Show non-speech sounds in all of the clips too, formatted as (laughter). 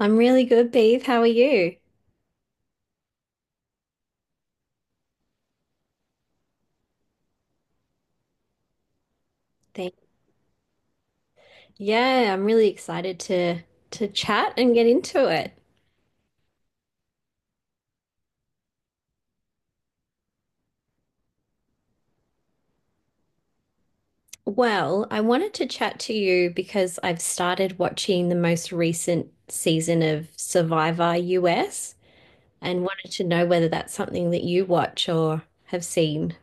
I'm really good, Beth. How are you? Thank Yeah, I'm really excited to chat and get into it. Well, I wanted to chat to you because I've started watching the most recent season of Survivor US and wanted to know whether that's something that you watch or have seen.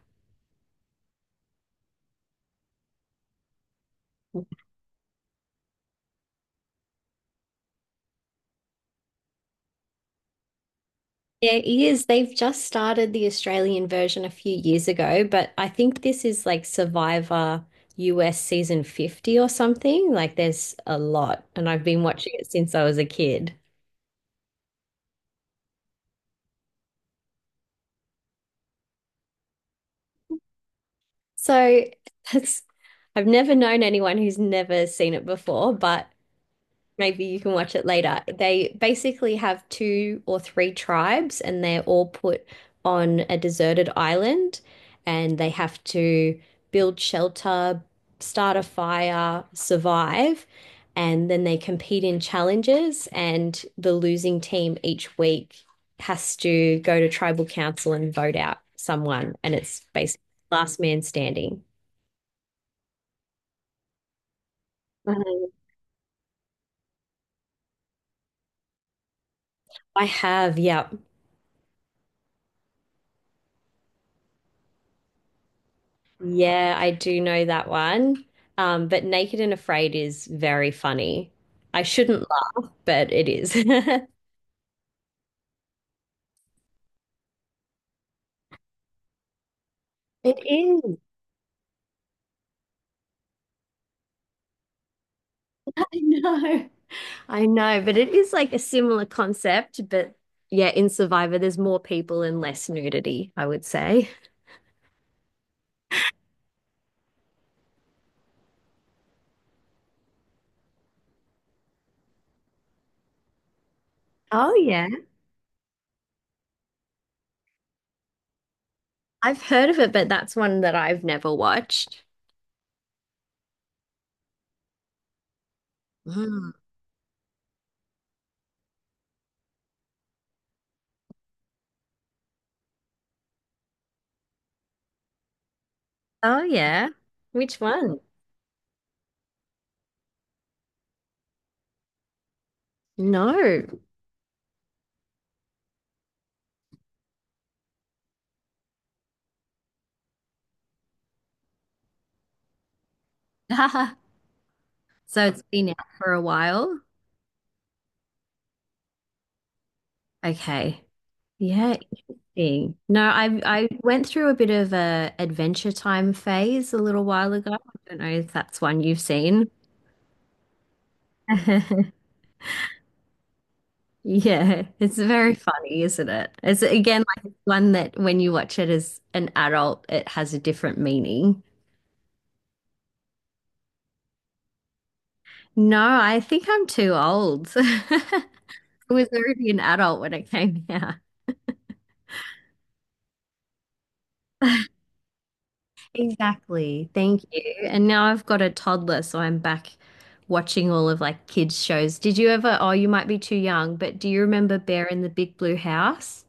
Yeah, it is. They've just started the Australian version a few years ago, but I think this is like Survivor US season 50 or something. Like there's a lot, and I've been watching it since I was a kid. So (laughs) that's, I've never known anyone who's never seen it before, but maybe you can watch it later. They basically have two or three tribes, and they're all put on a deserted island, and they have to build shelter, start a fire, survive, and then they compete in challenges. And the losing team each week has to go to tribal council and vote out someone, and it's basically last man standing. Mhm. I have, yeah. Yeah, I do know that one. But Naked and Afraid is very funny. I shouldn't laugh, but it is. (laughs) It is. I know. I know, but it is like a similar concept, but yeah, in Survivor, there's more people and less nudity, I would say. Oh, yeah. I've heard of it, but that's one that I've never watched. Mm. Oh, yeah. Which one? No. (laughs) So it's been out for a while. Okay. Yeah, interesting. No, I went through a bit of a adventure time phase a little while ago. I don't know if that's one you've seen. (laughs) Yeah, it's very funny, isn't it? It's again like one that when you watch it as an adult, it has a different meaning. No, I think I'm too old. (laughs) I was already an adult when it came (laughs) out. Exactly. Thank you. And now I've got a toddler, so I'm back watching all of like kids shows. Did you ever, oh, you might be too young, but do you remember Bear in the Big Blue House?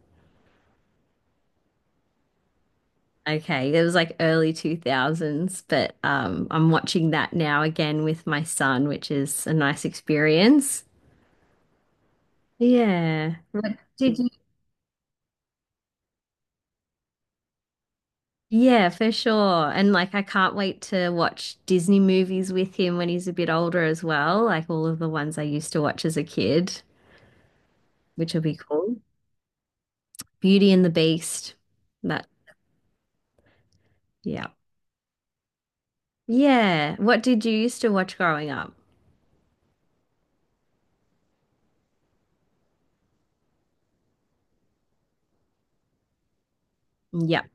Okay, it was like early 2000s, but I'm watching that now again with my son, which is a nice experience. Yeah. Did you? Yeah, for sure. And like I can't wait to watch Disney movies with him when he's a bit older as well, like all of the ones I used to watch as a kid, which will be cool. Beauty and the Beast. That, yeah. Yeah. What did you used to watch growing up? Yeah. (laughs)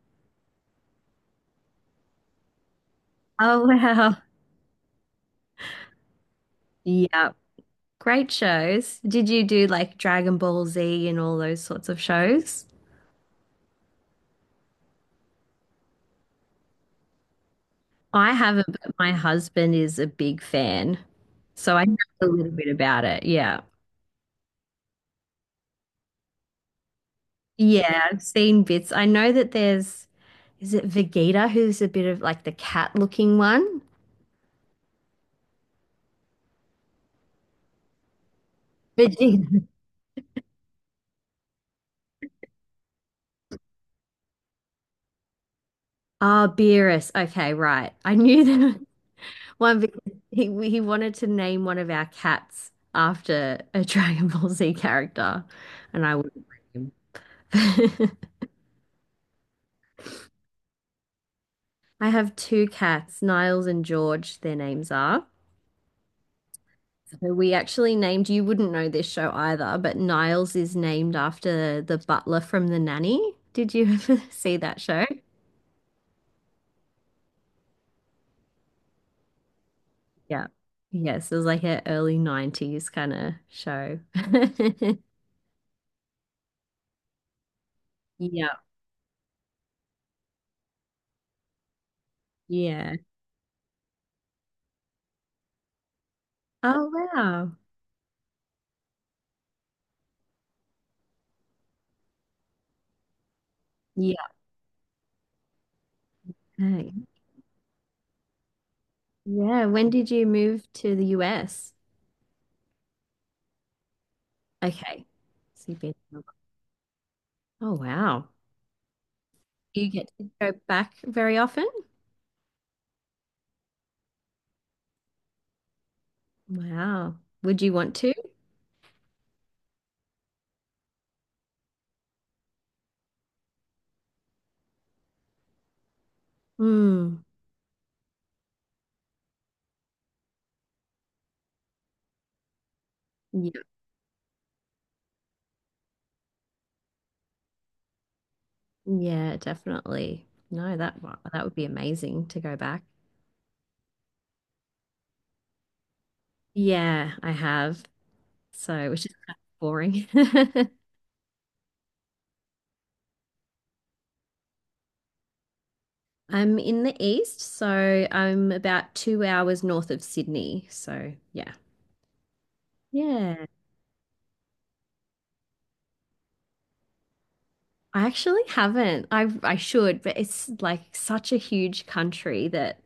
Oh, wow. Yeah. Great shows. Did you do like Dragon Ball Z and all those sorts of shows? I haven't, but my husband is a big fan. So I know a little bit about it. Yeah. Yeah, I've seen bits. I know that there's, is it Vegeta who's a bit of like the cat looking one? Vegeta. (laughs) Ah, Beerus. Okay, right. I knew (laughs) that. One because he wanted to name one of our cats after a (laughs) Dragon Ball Z character, and I wouldn't blame him. (laughs) I have two cats, Niles and George, their names are. So we actually named, you wouldn't know this show either, but Niles is named after the butler from The Nanny. Did you (laughs) ever see that show? Yeah. Yes, it was like an early 90s kind of show. (laughs) Yeah. Yeah. Oh, wow. Yeah. Yeah, when did you move to the US? Okay. So you've been. Oh, wow. Do you get to go back very often? Wow. Would you want to? Hmm. Yeah, yeah, definitely. No, that would be amazing to go back. Yeah, I have. So, which is kind of boring. (laughs) I'm in the east, so I'm about 2 hours north of Sydney. So, yeah. Yeah. I actually haven't. I should, but it's like such a huge country that,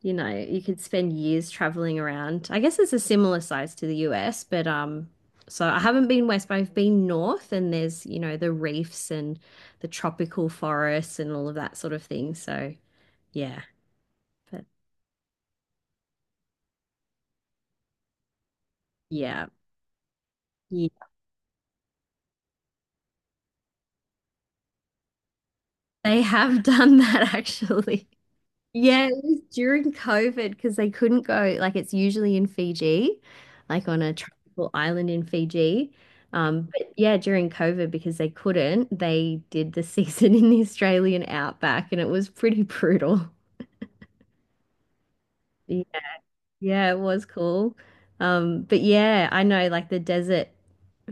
you know, you could spend years traveling around. I guess it's a similar size to the US, but so I haven't been west, but I've been north and there's, you know, the reefs and the tropical forests and all of that sort of thing. So, yeah. But yeah. Yeah. They have done that (laughs) actually. Yeah, it was during COVID because they couldn't go. Like it's usually in Fiji, like on a tropical island in Fiji. But yeah, during COVID because they couldn't, they did the (laughs) season in the Australian outback, and it was pretty brutal. Yeah, yeah, it was cool. But yeah, I know like the desert.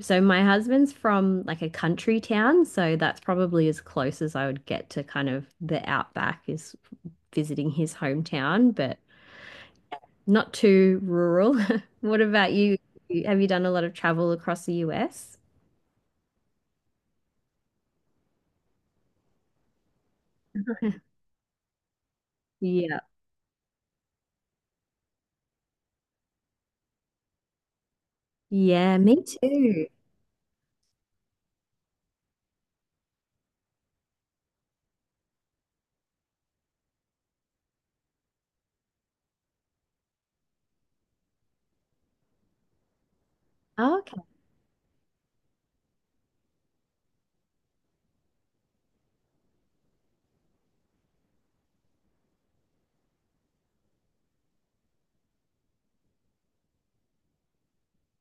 So my husband's from like a country town, so that's probably as close as I would get to kind of the outback is visiting his hometown, but. Not too rural. (laughs) What about you? Have you done a lot of travel across the US? Yeah. Yeah, me too. Okay.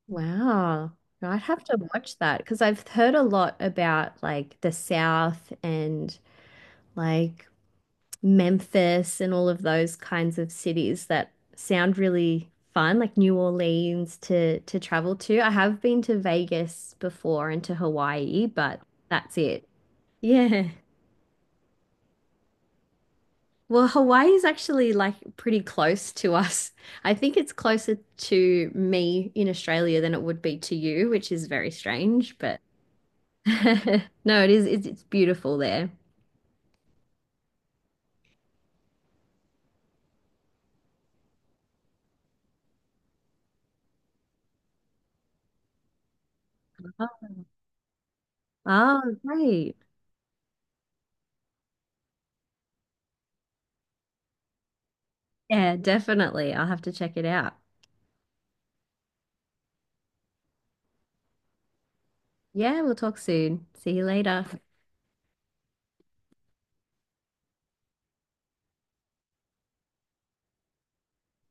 Wow. I'd have to watch that because I've heard a lot about like the South and like Memphis and all of those kinds of cities that sound really fun, like New Orleans to travel to. I have been to Vegas before and to Hawaii, but that's it. Yeah. Well, Hawaii is actually like pretty close to us. I think it's closer to me in Australia than it would be to you, which is very strange, but (laughs) no, it is it's beautiful there. Oh, oh, great. Yeah, definitely. I'll have to check it out. Yeah, we'll talk soon. See you later.